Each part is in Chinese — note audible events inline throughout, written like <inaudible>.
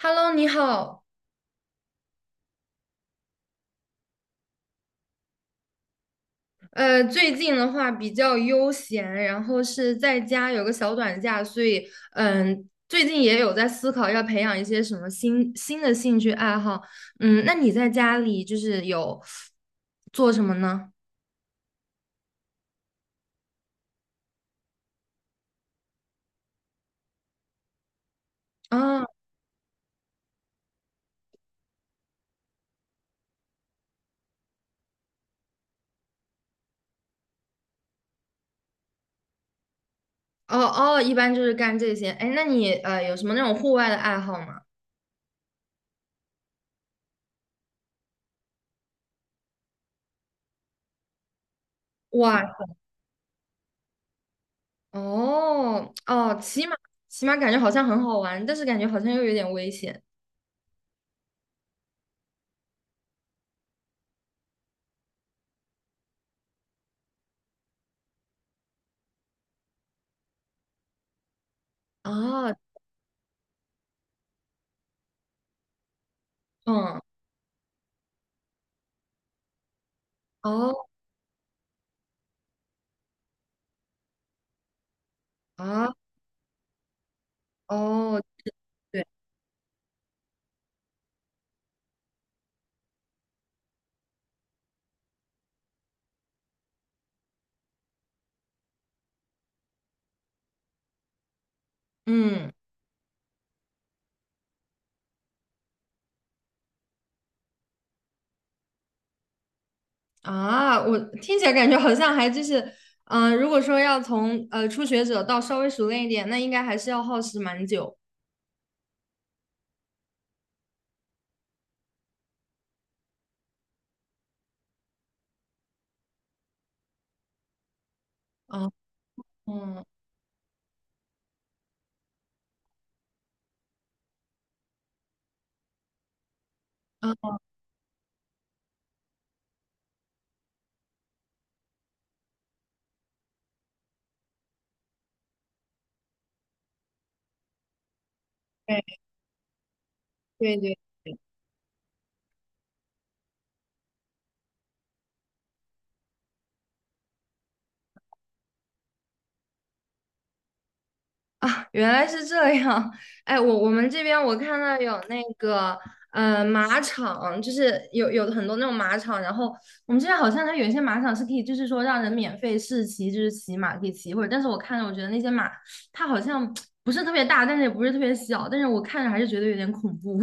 Hello，你好。最近的话比较悠闲，然后是在家有个小短假，所以最近也有在思考要培养一些什么新的兴趣爱好。嗯，那你在家里就是有做什么呢？啊，哦哦，一般就是干这些。哎，那你有什么那种户外的爱好吗？哇，哦哦，骑马，骑马感觉好像很好玩，但是感觉好像又有点危险。啊。嗯，哦啊，哦。哦对，嗯我听起来感觉好像还就是，如果说要从初学者到稍微熟练一点，那应该还是要耗时蛮久。啊，嗯，啊，对对对。啊，原来是这样。哎，我们这边我看到有那个马场，就是有很多那种马场，然后我们这边好像它有一些马场是可以，就是说让人免费试骑，就是骑马可以骑一会儿。但是我看着我觉得那些马，它好像不是特别大，但是也不是特别小，但是我看着还是觉得有点恐怖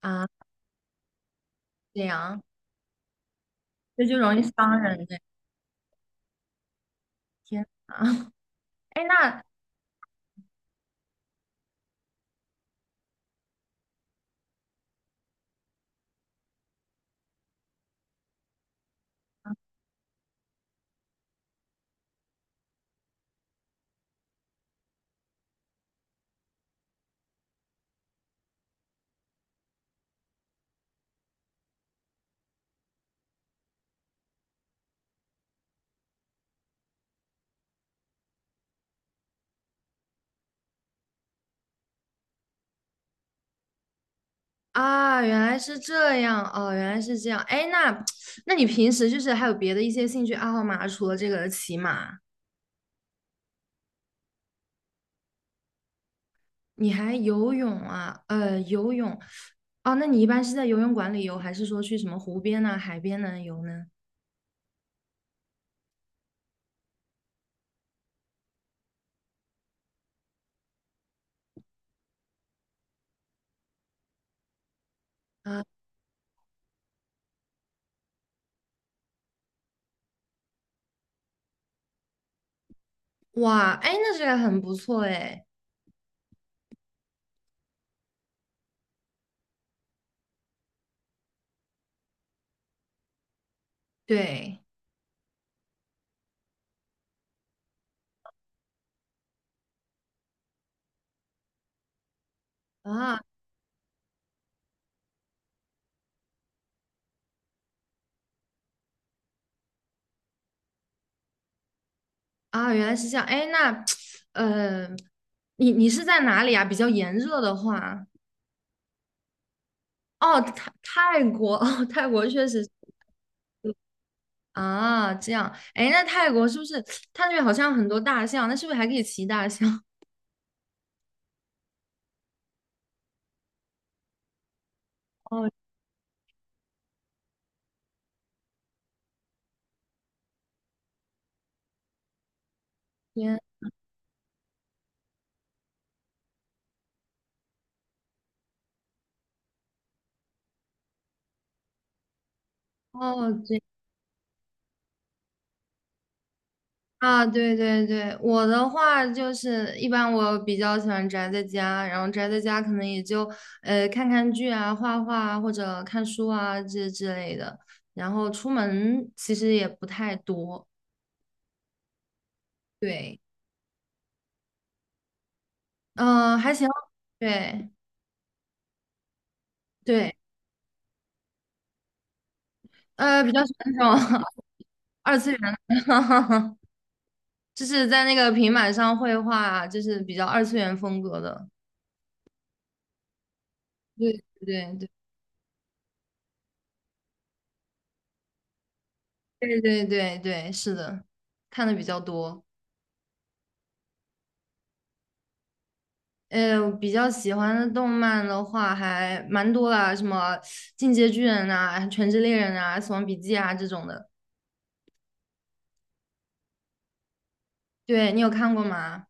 啊，这样<laughs> 就容易伤人的。天啊，<laughs> 哎，那啊，原来是这样哦，原来是这样。哎，那 <tsk> 那你平时就是还有别的一些兴趣爱好吗？除了这个骑马，你还游泳啊？游泳哦，那你一般是在游泳馆里游，还是说去什么湖边呐、海边呢游呢？啊，哇，哎，那这个很不错哎。对啊啊，原来是这样。哎，那 <tsk> 呃，你你是在哪里啊？比较炎热的话，哦，泰国，<laughs> 哦，泰国确实。啊，这样，哎，那泰国是不是它那边好像很多大象？那是不是还可以骑大象？<laughs> 哦，天，哦，对啊，对对对，我的话就是一般我比较喜欢宅在家，然后宅在家可能也就看看剧啊、画画啊或者看书啊这之类的，然后出门其实也不太多，对，嗯、还行，对对，比较喜欢那种 <laughs> 二次元的。<laughs> 就是在那个平板上绘画，就是比较二次元风格的。对对对对对对对，是的，看的比较多。我比较喜欢的动漫的话还蛮多啦，什么《进阶巨人》啊，《全职猎人》啊，《死亡笔记》啊这种的。对，你有看过吗？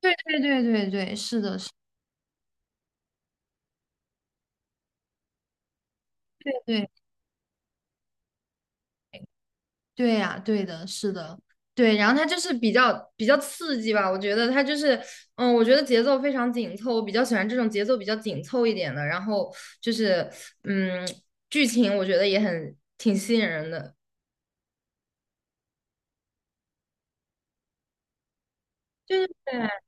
对对对对对，是的，是的，对。对呀，对的，是的，对。然后它就是比较刺激吧，我觉得它就是，嗯，我觉得节奏非常紧凑，我比较喜欢这种节奏比较紧凑一点的。然后就是，嗯，剧情我觉得也很挺吸引人的。对对对，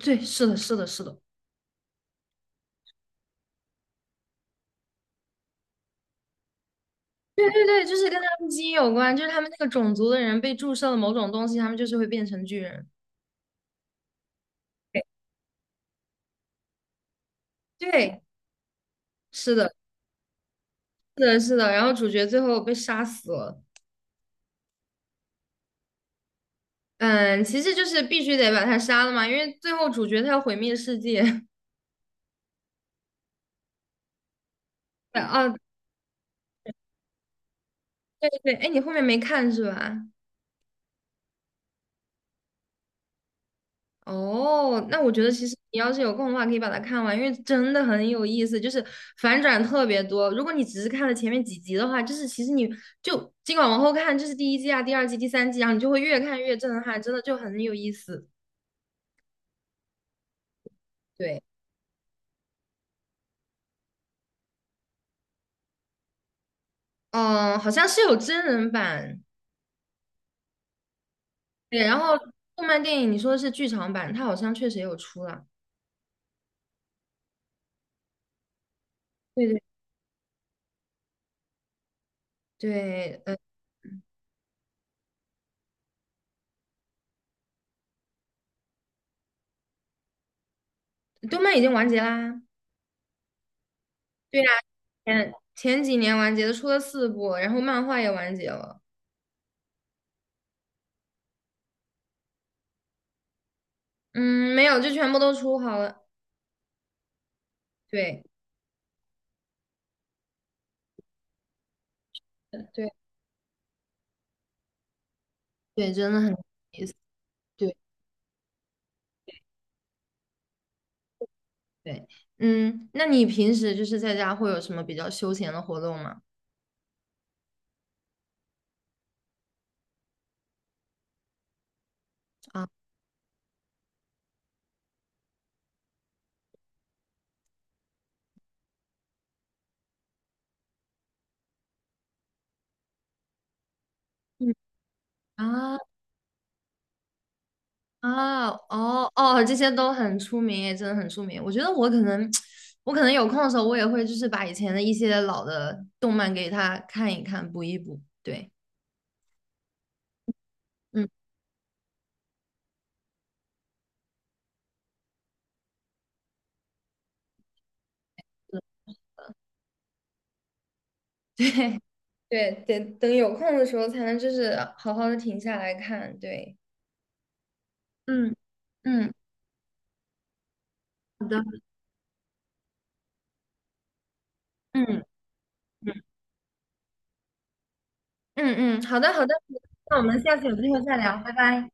对，是的，是的，是的。对对对，就是跟他们基因有关，就是他们那个种族的人被注射了某种东西，他们就是会变成巨人。对，对，是的，是的，是的。然后主角最后被杀死了。嗯，其实就是必须得把他杀了嘛，因为最后主角他要毁灭世界。<laughs> 对啊，对对，哎，你后面没看是吧？哦，那我觉得其实你要是有空的话，可以把它看完，因为真的很有意思，就是反转特别多。如果你只是看了前面几集的话，就是其实你就尽管往后看，这是第一季啊、第二季、第三季，然后你就会越看越震撼，真的就很有意思。对，嗯，好像是有真人版，对，然后动漫电影你说的是剧场版，它好像确实也有出了。对对对，嗯动漫已经完结啦。对呀，前几年完结的，出了四部，然后漫画也完结了。嗯，没有，就全部都出好了。对，对，对，真的很有意思。对对，嗯，那你平时就是在家会有什么比较休闲的活动吗？啊，嗯啊啊哦哦，这些都很出名，也真的很出名。我觉得我可能，<tsk> 我可能有空的时候，我也会就是把以前的一些老的动漫给他看一看，补一补。对，嗯，<laughs> 对，得等有空的时候才能就是好好的停下来看。对，嗯嗯好的，嗯嗯，嗯嗯，好的好的，那我们下次有机会再聊，拜拜。